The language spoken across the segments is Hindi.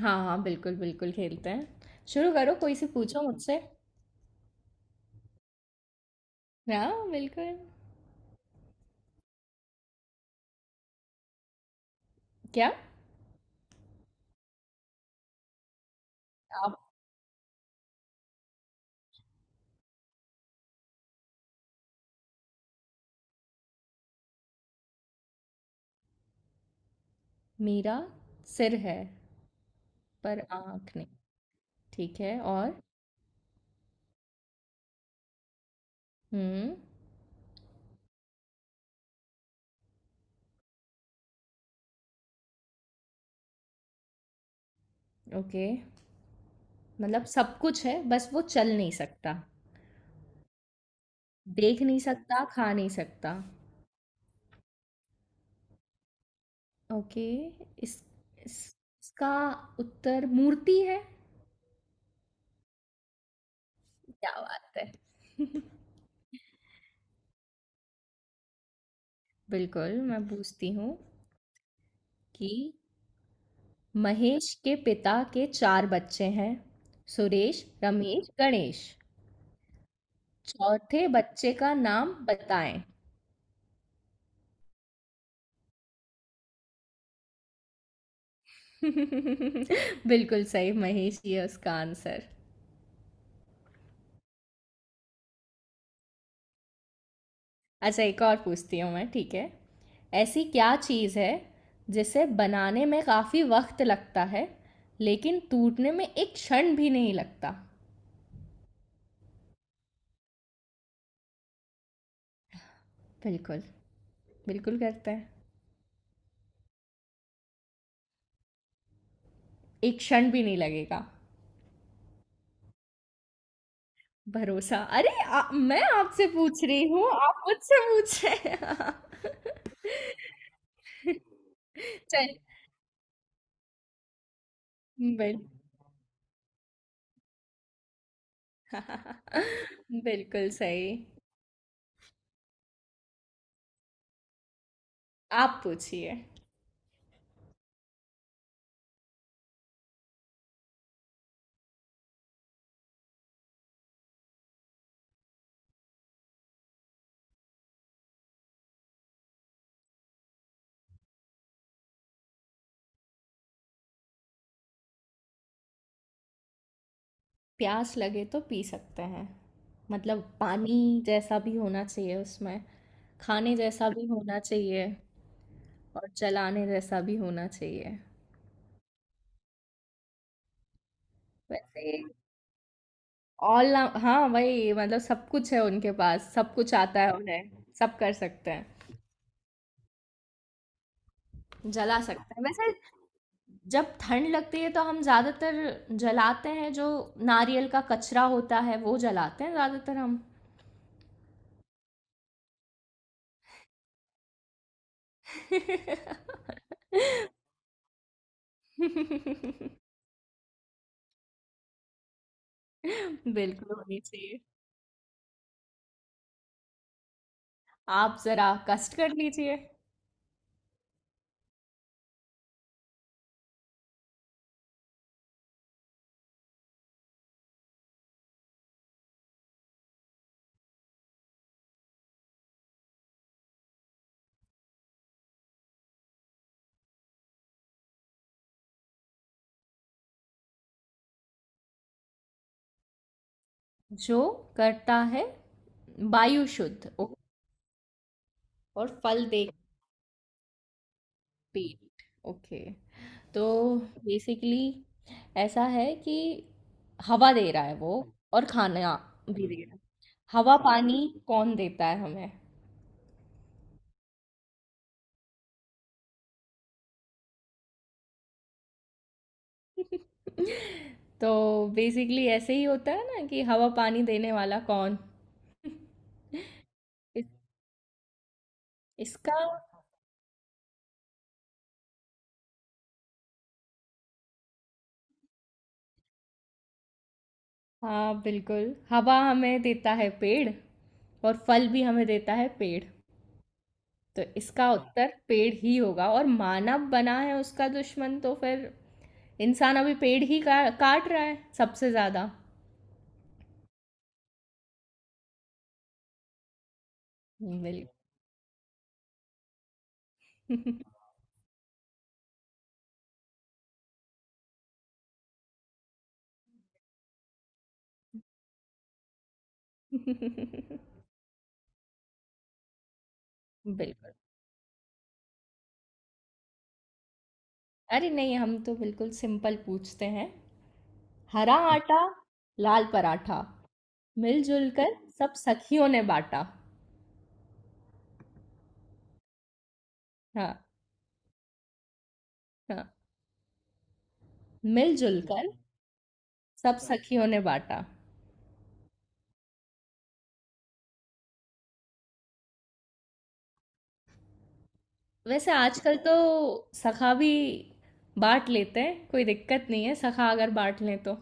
हाँ, हाँ, बिल्कुल खेलते हैं। शुरू करो, कोई से पूछो मुझसे। हाँ, बिल्कुल। क्या? आप मेरा सिर है, पर आँख नहीं। ठीक है और? हुँ, ओके। मतलब सब कुछ है, बस वो चल नहीं सकता। देख नहीं सकता, खा नहीं सकता। ओके, इस इस इसका उत्तर मूर्ति है? क्या बात है! बिल्कुल, मैं पूछती हूँ कि महेश के पिता के चार बच्चे हैं। सुरेश, रमेश, गणेश। चौथे बच्चे का नाम बताएं। बिल्कुल सही, महेश ये उसका आंसर। अच्छा, एक और पूछती हूँ मैं, ठीक है। ऐसी क्या चीज़ है जिसे बनाने में काफ़ी वक्त लगता है लेकिन टूटने में एक क्षण भी नहीं लगता। बिल्कुल बिल्कुल करते हैं। एक क्षण भी नहीं लगेगा। भरोसा। मैं आपसे पूछ रही हूँ, आप मुझसे पूछ रहे हैं। चल। बिल बिल्कुल सही। आप पूछिए। प्यास लगे तो पी सकते हैं, मतलब पानी जैसा भी होना चाहिए उसमें, खाने जैसा भी होना चाहिए, और चलाने जैसा भी होना चाहिए। वैसे ऑल हाँ, वही मतलब सब कुछ है, उनके पास सब कुछ आता है, उन्हें सब कर सकते हैं। जला सकते हैं वैसे। जब ठंड लगती है तो हम ज़्यादातर जलाते हैं जो नारियल का कचरा होता है, वो जलाते हैं ज़्यादातर हम। बिल्कुल होनी चाहिए। आप ज़रा कष्ट कर लीजिए। जो करता है वायु शुद्ध। और फल दे, पेट। ओके। तो बेसिकली ऐसा है कि हवा दे रहा है वो, और खाना भी दे रहा है। हवा पानी कौन देता है हमें? तो बेसिकली ऐसे ही होता है ना कि हवा पानी देने वाला कौन। इस, इसका हाँ, बिल्कुल हवा हमें देता है पेड़, और फल भी हमें देता है पेड़। तो इसका हाँ उत्तर पेड़ ही होगा। और मानव बना है उसका दुश्मन, तो फिर इंसान अभी काट रहा है सबसे ज्यादा। बिल्कुल। बिल्कुल। अरे नहीं, हम तो बिल्कुल सिंपल पूछते हैं। हरा आटा, लाल पराठा, मिलजुल कर सब सखियों ने बांटा। हाँ। हाँ। मिलजुल कर सब सखियों ने बांटा। वैसे आजकल तो सखा भी बांट लेते हैं, कोई दिक्कत नहीं है सखा अगर बांट लें तो।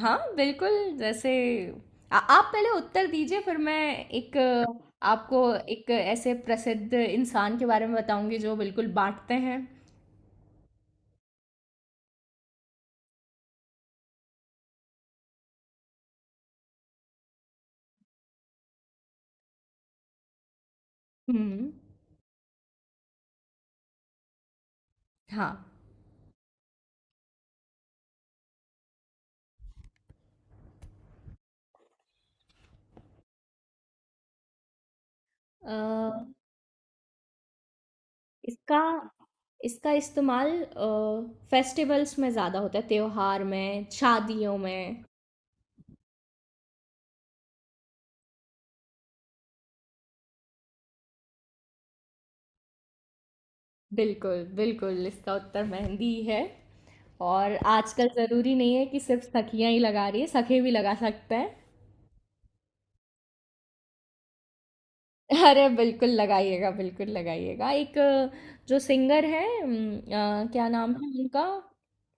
हाँ, बिल्कुल। जैसे, आप पहले उत्तर दीजिए, फिर मैं एक अ, आपको एक ऐसे प्रसिद्ध इंसान के बारे में बताऊंगी जो बिल्कुल बांटते हैं। हम्म। हाँ। अ, इसका इसका इस्तेमाल फेस्टिवल्स में ज़्यादा होता है, त्योहार में, शादियों में। बिल्कुल, इसका उत्तर मेहंदी है। और आजकल ज़रूरी नहीं है कि सिर्फ सखियां ही लगा रही है, सखे भी लगा सकते हैं। अरे बिल्कुल लगाइएगा, बिल्कुल लगाइएगा। जो सिंगर है, क्या नाम है उनका?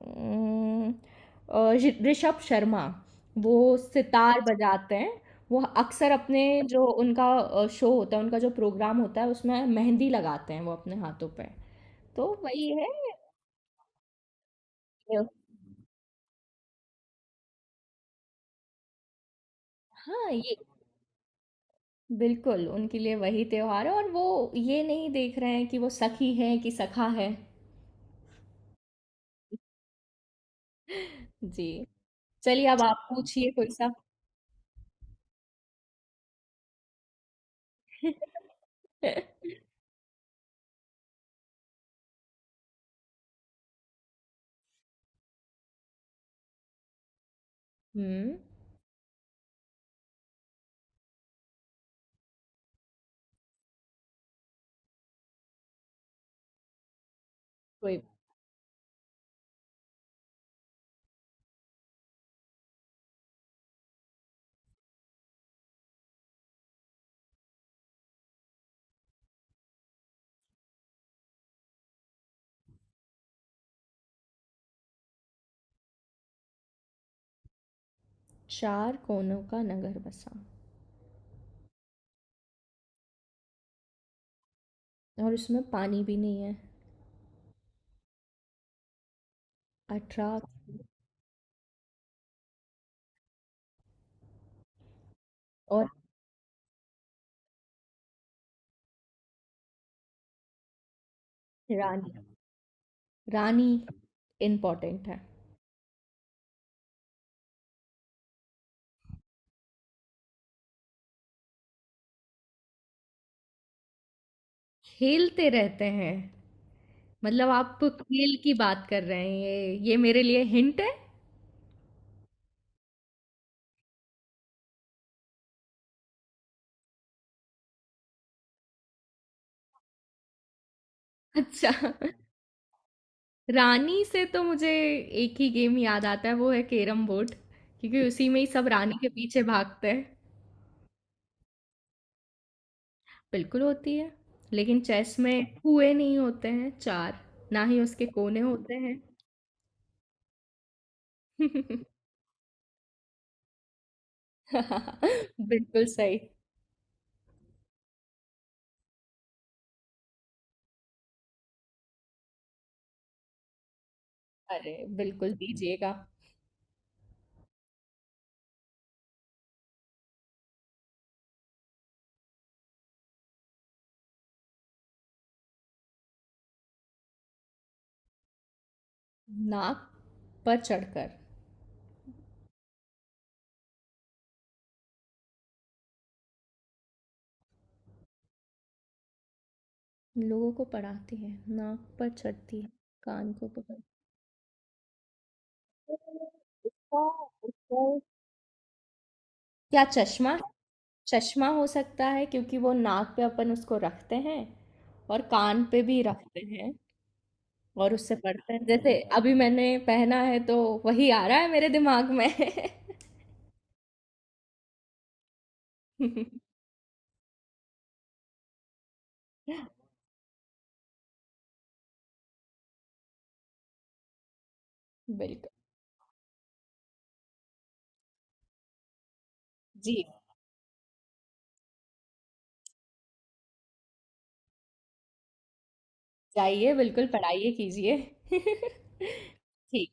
अम, ऋषभ शर्मा। वो सितार बजाते हैं। वो अक्सर अपने जो उनका शो होता है, उनका जो प्रोग्राम होता है, उसमें मेहंदी लगाते हैं वो अपने हाथों पे। तो वही है। अ, हाँ ये, बिल्कुल उनके लिए वही त्योहार है, और वो ये नहीं देख रहे हैं कि वो सखी है कि सखा है। जी। चलिए, अब आप पूछिए कोई सा। हम्म कोई चार कोनों का नगर बसा, और उसमें पानी भी नहीं है, अठरा। और रानी। रानी इम्पोर्टेंट है। खेलते रहते हैं। मतलब आप खेल की बात कर रहे हैं, ये मेरे लिए हिंट है। अच्छा, रानी से तो मुझे एक ही गेम याद आता है, वो है कैरम बोर्ड, क्योंकि उसी में ही सब रानी के पीछे भागते हैं। बिल्कुल होती है, लेकिन चेस में हुँ। कुएँ नहीं होते हैं 4, ना ही उसके कोने होते हैं। बिल्कुल सही। अरे! बिल्कुल दीजिएगा। नाक पर चढ़कर लोगों को पढ़ाती है, नाक पर चढ़ती है, कान को पकड़। उसका उसका क्या, चश्मा? चश्मा हो सकता है क्योंकि वो नाक पे अपन उसको रखते हैं, और कान पे भी रखते हैं। और उससे पढ़ते हैं, जैसे अभी मैंने पहना है तो वही आ रहा है मेरे दिमाग में। बिल्कुल। जी। जाइए, बिल्कुल पढ़ाइए, कीजिए। ठीक।